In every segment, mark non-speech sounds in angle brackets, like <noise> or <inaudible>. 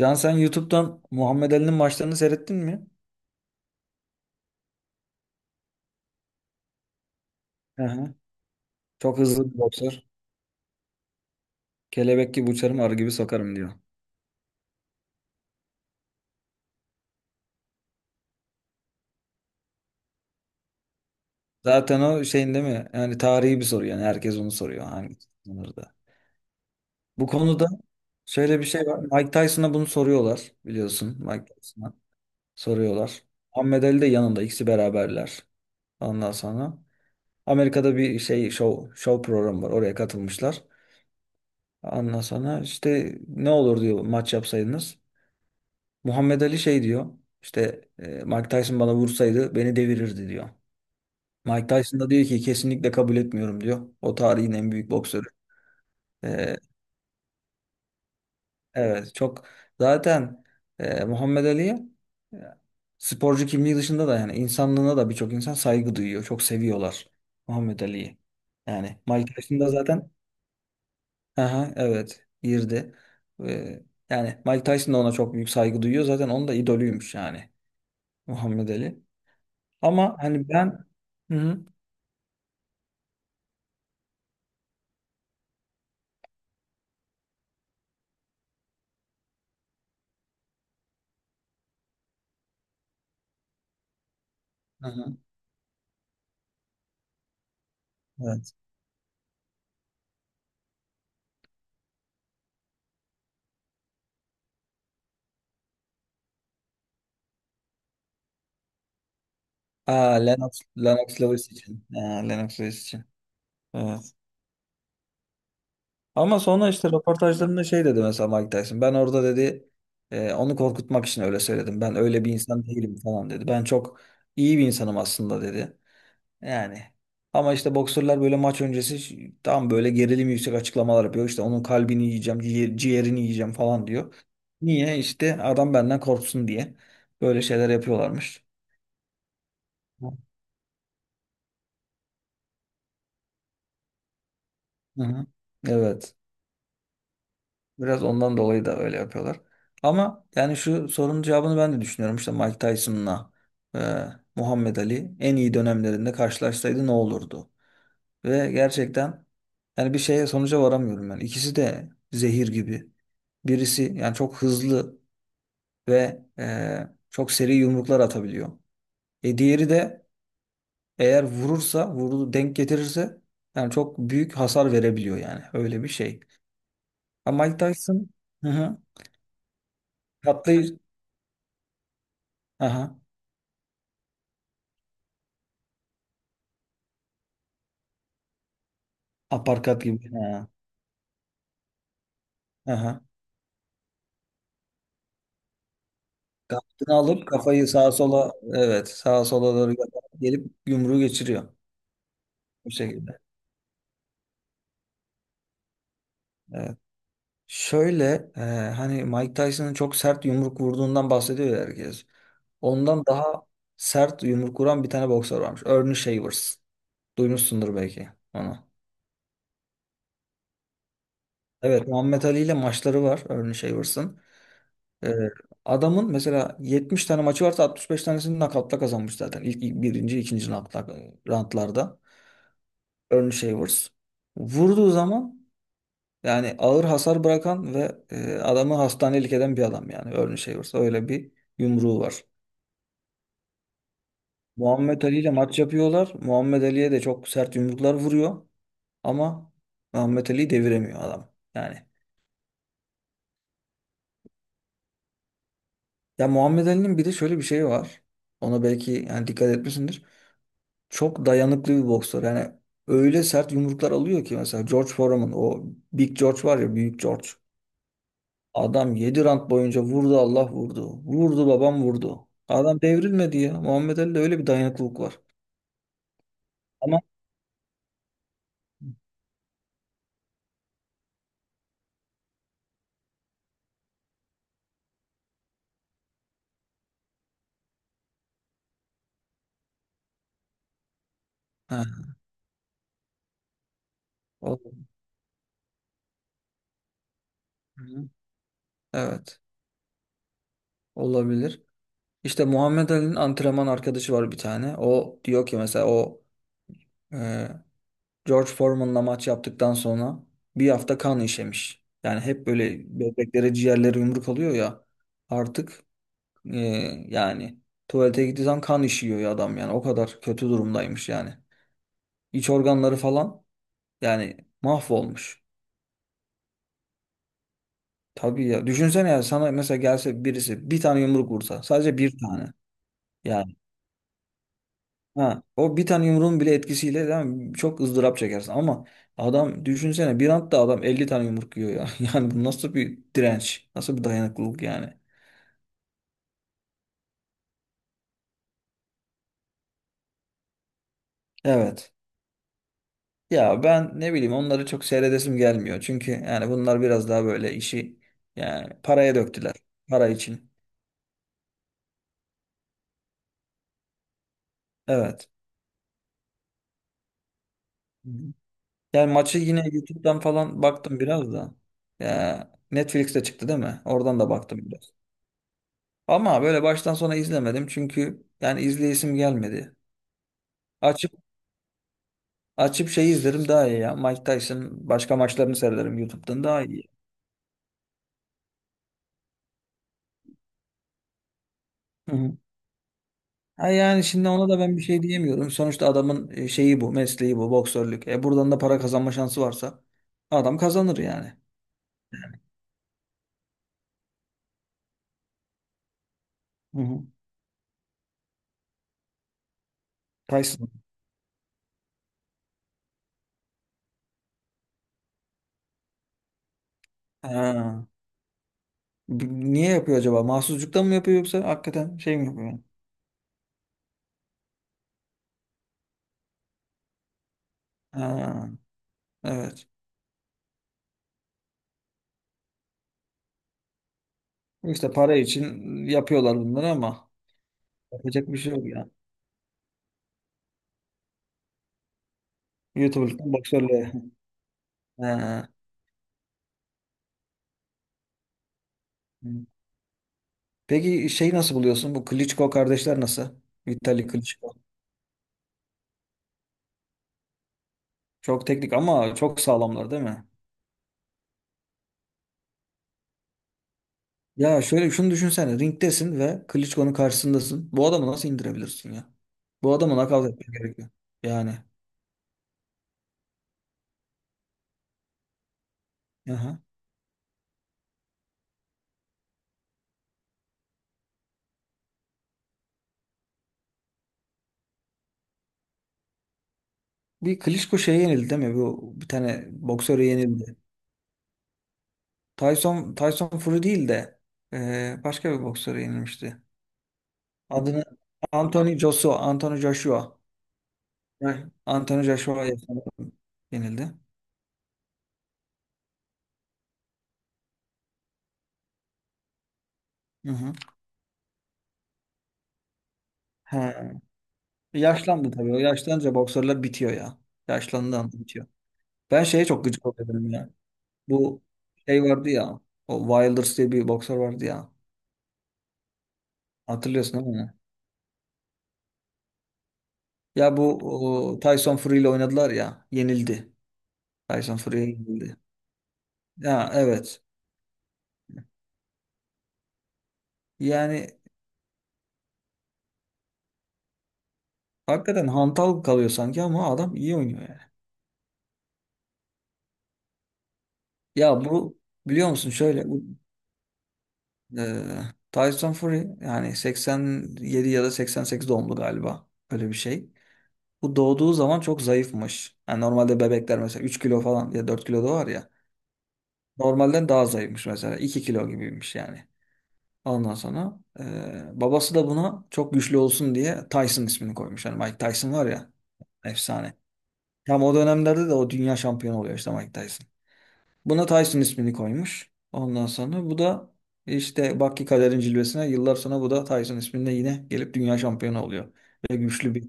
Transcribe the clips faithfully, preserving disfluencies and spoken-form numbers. Can sen YouTube'dan Muhammed Ali'nin maçlarını seyrettin mi? Hı hı. Çok hızlı bir boksör. Kelebek gibi uçarım, arı gibi sokarım diyor. Zaten o şeyin değil mi? Yani tarihi bir soru yani. Herkes onu soruyor. Hangi sınırda? Bu konuda şöyle bir şey var. Mike Tyson'a bunu soruyorlar. Biliyorsun Mike Tyson'a soruyorlar. Muhammed Ali de yanında. İkisi beraberler. Ondan sonra Amerika'da bir şey show, show programı var. Oraya katılmışlar. Ondan sonra işte ne olur diyor maç yapsaydınız. Muhammed Ali şey diyor. İşte e, Mike Tyson bana vursaydı beni devirirdi diyor. Mike Tyson da diyor ki kesinlikle kabul etmiyorum diyor. O tarihin en büyük boksörü. E, evet çok zaten e, Muhammed Ali'ye e, sporcu kimliği dışında da yani insanlığına da birçok insan saygı duyuyor. Çok seviyorlar Muhammed Ali'yi. Yani Mike Tyson da zaten aha, evet girdi. E, yani Mike Tyson da ona çok büyük saygı duyuyor. Zaten onun da idolüymüş yani Muhammed Ali. Ama hani ben. Hı hı. Hı hı. Evet. Aa, Lennox, Lennox Lewis için. Aa, Lennox Lewis için. Evet. Ama sonra işte röportajlarında şey dedi mesela Mike Tyson. Ben orada dedi e, onu korkutmak için öyle söyledim. Ben öyle bir insan değilim falan dedi. Ben çok iyi bir insanım aslında dedi. Yani ama işte boksörler böyle maç öncesi ş- tam böyle gerilim yüksek açıklamalar yapıyor. İşte onun kalbini yiyeceğim, ciğer- ciğerini yiyeceğim falan diyor. Niye? İşte adam benden korksun diye böyle şeyler yapıyorlarmış. Hı hı. Evet. Biraz ondan dolayı da öyle yapıyorlar. Ama yani şu sorunun cevabını ben de düşünüyorum. İşte Mike Tyson'la e, Muhammed Ali en iyi dönemlerinde karşılaşsaydı ne olurdu? Ve gerçekten yani bir şeye sonuca varamıyorum ben. İkisi de zehir gibi. Birisi yani çok hızlı ve e, çok seri yumruklar atabiliyor. E diğeri de eğer vurursa, vurdu denk getirirse yani çok büyük hasar verebiliyor yani. Öyle bir şey. Ama Mike Tyson. Hı hı. Katlı aha aparkat gibi. Ha. Aha. Kaftını alıp kafayı sağa sola evet sağa sola doğru yaparak gelip yumruğu geçiriyor bu şekilde. Evet. Şöyle e, hani Mike Tyson'ın çok sert yumruk vurduğundan bahsediyor ya herkes. Ondan daha sert yumruk vuran bir tane boksör varmış. Ernie Shavers. Duymuşsundur belki onu. Evet Muhammed Ali ile maçları var Ernie Shavers'ın. Ee, adamın mesela yetmiş tane maçı varsa altmış beş tanesini nakavtla kazanmış zaten. İlk, ilk birinci, ikinci nakavtla roundlarda. Ernie Shavers. Vurduğu zaman yani ağır hasar bırakan ve e, adamı hastanelik eden bir adam yani Ernie Shavers. Öyle bir yumruğu var. Muhammed Ali ile maç yapıyorlar. Muhammed Ali'ye de çok sert yumruklar vuruyor. Ama Muhammed Ali deviremiyor adam. Yani ya Muhammed Ali'nin bir de şöyle bir şey var. Ona belki yani dikkat etmişsindir. Çok dayanıklı bir boksör. Yani öyle sert yumruklar alıyor ki mesela George Foreman o Big George var ya Büyük George. Adam yedi round boyunca vurdu Allah vurdu. Vurdu babam vurdu. Adam devrilmedi ya. Muhammed Ali'de öyle bir dayanıklılık var. Ama ha, o- Hı. Evet olabilir. İşte Muhammed Ali'nin antrenman arkadaşı var bir tane. O diyor ki mesela o George Foreman'la maç yaptıktan sonra bir hafta kan işemiş. Yani hep böyle bebeklere ciğerleri yumruk alıyor ya artık e, yani tuvalete gittiği zaman kan işiyor ya adam yani o kadar kötü durumdaymış yani. İç organları falan yani mahvolmuş. Tabii ya düşünsene ya sana mesela gelse birisi bir tane yumruk vursa sadece bir tane. Yani ha, o bir tane yumruğun bile etkisiyle değil mi? Çok ızdırap çekersin ama adam düşünsene bir anda adam elli tane yumruk yiyor ya. <laughs> Yani bu nasıl bir direnç? Nasıl bir dayanıklılık yani? Evet. Ya ben ne bileyim onları çok seyredesim gelmiyor. Çünkü yani bunlar biraz daha böyle işi yani paraya döktüler. Para için. Evet. Hı hı. Yani maçı yine YouTube'dan falan baktım biraz da. Ya Netflix'te çıktı değil mi? Oradan da baktım biraz. Ama böyle baştan sona izlemedim çünkü yani izleyesim gelmedi. Açıp şey izlerim daha iyi ya. Mike Tyson başka maçlarını seyrederim YouTube'dan daha iyi. Hı hı. Ha yani şimdi ona da ben bir şey diyemiyorum. Sonuçta adamın e, şeyi bu, mesleği bu, boksörlük. E buradan da para kazanma şansı varsa adam kazanır yani. Hı hı. Tyson. Ha. B- Niye yapıyor acaba? Mahsuzluktan mı yapıyor yoksa hakikaten şey mi yapıyor? Ha. Evet. İşte para için yapıyorlar bunları ama yapacak bir şey yok ya. YouTuber'lıktan boksörlüğe. <laughs> Ha. Peki şeyi nasıl buluyorsun? Bu Klitschko kardeşler nasıl? Vitali Klitschko. Çok teknik ama çok sağlamlar değil mi? Ya şöyle şunu düşünsene. Ringdesin ve Klitschko'nun karşısındasın. Bu adamı nasıl indirebilirsin ya? Bu adamı nakavt etmen gerekiyor. Yani. Aha. Bir Klitschko şeye yenildi değil mi? Bu bir tane boksöre yenildi. Tyson Tyson Fury değil de eee, başka bir boksöre yenilmişti. Adını Anthony Joshua, Anthony Joshua. Heh. Anthony Joshua yenildi. Hı hı. He. Yaşlandı tabii. O yaşlanınca boksörler bitiyor ya. Yaşlandığı anda bitiyor. Ben şeye çok gıcık oluyorum ya. Bu şey vardı ya. O Wilders diye bir boksör vardı ya. Hatırlıyorsun değil mi? Ya bu o, Tyson Fury ile oynadılar ya. Yenildi. Tyson Fury'ye yenildi. Ya evet. Yani hakikaten hantal kalıyor sanki ama adam iyi oynuyor yani. Ya bu biliyor musun şöyle bu e, Tyson Fury yani seksen yedi ya da seksen sekiz doğumlu galiba. Öyle bir şey. Bu doğduğu zaman çok zayıfmış. Yani normalde bebekler mesela üç kilo falan ya dört kilo da var ya. Normalden daha zayıfmış mesela. iki kilo gibiymiş yani. Ondan sonra eee, babası da buna çok güçlü olsun diye Tyson ismini koymuş. Yani Mike Tyson var ya efsane. Tam o dönemlerde de o dünya şampiyonu oluyor işte Mike Tyson. Buna Tyson ismini koymuş. Ondan sonra bu da işte bak ki kaderin cilvesine yıllar sonra bu da Tyson isminde yine gelip dünya şampiyonu oluyor. Ve güçlü bir.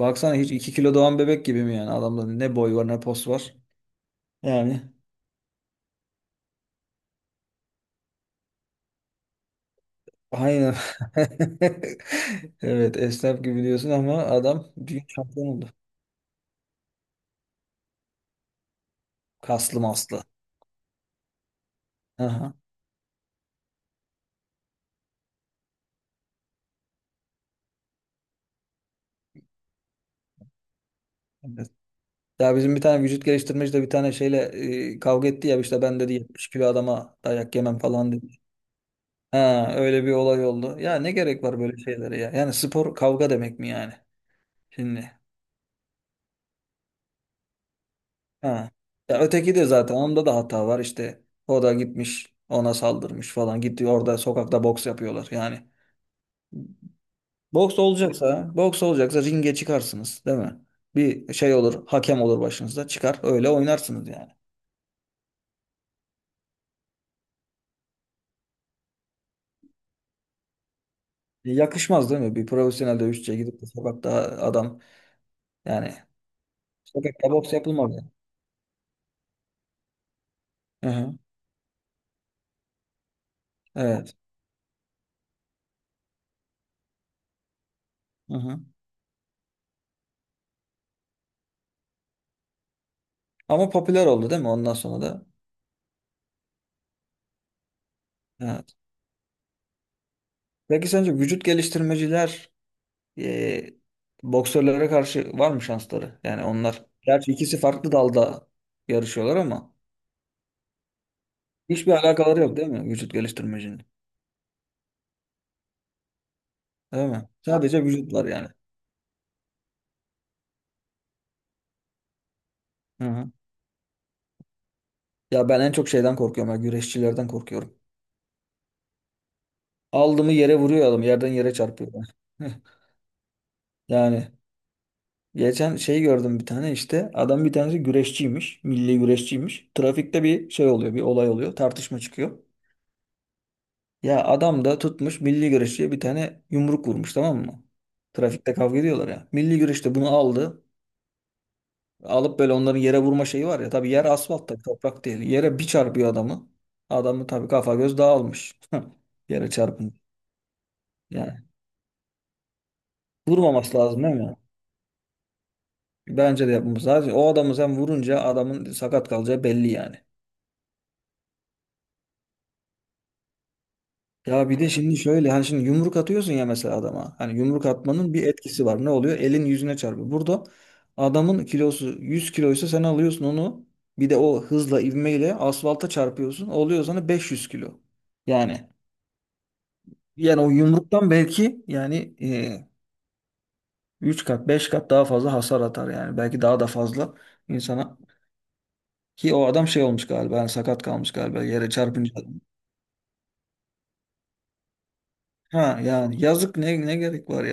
Baksana hiç iki kilo doğan bebek gibi mi yani? Adamda ne boy var ne pos var. Yani aynen. <laughs> Evet esnaf gibi diyorsun ama adam büyük şampiyon oldu. Kaslı maslı. Aha. Evet. Ya bizim bir tane vücut geliştirmeci de bir tane şeyle e, kavga etti ya işte ben dedi yetmiş kilo adama dayak yemem falan dedi. Ha öyle bir olay oldu. Ya ne gerek var böyle şeylere ya? Yani spor kavga demek mi yani? Şimdi. Ha. Ya öteki de zaten onda da hata var işte. O da gitmiş ona saldırmış falan. Gitti orada sokakta boks yapıyorlar yani. Boks olacaksa, boks olacaksa ringe çıkarsınız değil mi? Bir şey olur, hakem olur başınızda çıkar öyle oynarsınız yani. E, Yakışmaz değil mi? Bir profesyonel dövüşçüye gidip de sokakta adam yani sokakta boks yapılmaz yani. Hı hı. Evet. Hı hı. Ama popüler oldu değil mi ondan sonra da? Evet. Peki sence vücut geliştirmeciler e, boksörlere karşı var mı şansları? Yani onlar gerçi ikisi farklı dalda yarışıyorlar ama hiçbir alakaları yok değil mi vücut geliştirmecinin? Değil mi? Sadece vücut var yani. Hı hı. Ya ben en çok şeyden korkuyorum. Ya, güreşçilerden korkuyorum. Aldığımı yere vuruyor adam. Yerden yere çarpıyor. <laughs> Yani geçen şey gördüm bir tane işte. Adam bir tanesi güreşçiymiş. Milli güreşçiymiş. Trafikte bir şey oluyor. Bir olay oluyor. Tartışma çıkıyor. Ya adam da tutmuş milli güreşçiye bir tane yumruk vurmuş tamam mı? Trafikte kavga ediyorlar ya. Milli güreşte bunu aldı. Alıp böyle onların yere vurma şeyi var ya. Tabii yer asfalt tabii toprak değil. Yere bir çarpıyor adamı. Adamı tabii kafa göz dağılmış. <laughs> Yere çarpın. Yani vurmaması lazım değil mi? Bence de yapmamız lazım. O adamı sen vurunca adamın sakat kalacağı belli yani. Ya bir de şimdi şöyle hani şimdi yumruk atıyorsun ya mesela adama. Hani yumruk atmanın bir etkisi var. Ne oluyor? Elin yüzüne çarpıyor. Burada adamın kilosu yüz kiloysa sen alıyorsun onu. Bir de o hızla ivmeyle asfalta çarpıyorsun. Oluyor sana beş yüz kilo. Yani yani o yumruktan belki yani e, üç kat beş kat daha fazla hasar atar yani. Belki daha da fazla insana. Ki o adam şey olmuş galiba. Yani sakat kalmış galiba yere çarpınca. Ha yani yazık ne ne gerek var.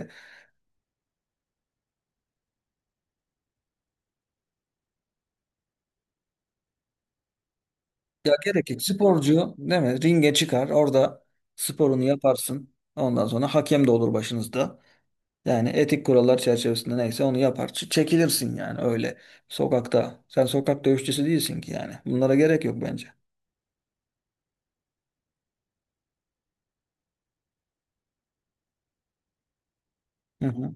Ya gerek yok. Sporcu değil mi? Ringe çıkar. Orada sporunu yaparsın. Ondan sonra hakem de olur başınızda. Yani etik kurallar çerçevesinde neyse onu yapar. Ç- Çekilirsin yani öyle. Sokakta. Sen sokak dövüşçüsü değilsin ki yani. Bunlara gerek yok bence. Hı hı.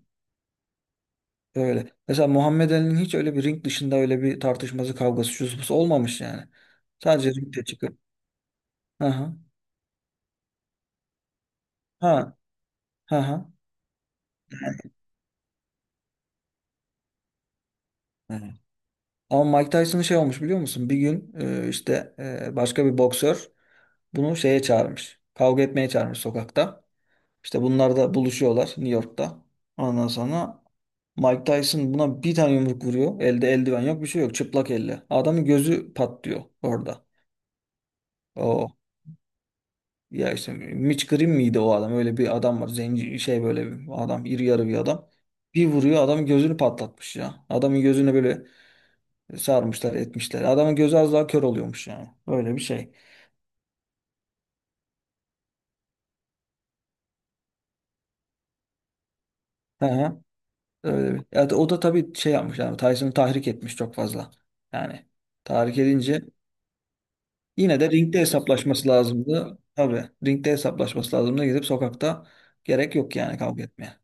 Öyle. Mesela Muhammed Ali'nin hiç öyle bir ring dışında öyle bir tartışması, kavgası, şusu olmamış yani. Sadece ringde çıkıp. Hı hı. Ha. Hı hı. Hı. Ama Mike Tyson'ın şey olmuş biliyor musun? Bir gün e, işte e, başka bir boksör bunu şeye çağırmış. Kavga etmeye çağırmış sokakta. İşte bunlar da buluşuyorlar New York'ta. Ondan sonra Mike Tyson buna bir tane yumruk vuruyor. Elde eldiven yok bir şey yok. Çıplak elle. Adamın gözü patlıyor orada. O ya işte Mitch Green miydi o adam? Öyle bir adam var. Zenci şey böyle bir adam. İri yarı bir adam. Bir vuruyor adamın gözünü patlatmış ya. Adamın gözüne böyle sarmışlar etmişler. Adamın gözü az daha kör oluyormuş yani. Öyle bir şey. He. Öyle bir. Ya da- o da tabii şey yapmış yani Tyson'ı tahrik etmiş çok fazla. Yani tahrik edince yine de ringde hesaplaşması lazımdı. Tabii ringde hesaplaşması lazımdı. Gidip sokakta gerek yok yani kavga etmeye.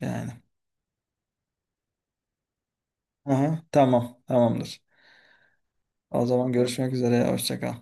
Yani. Aha, tamam tamamdır. O zaman görüşmek üzere. Hoşça kal.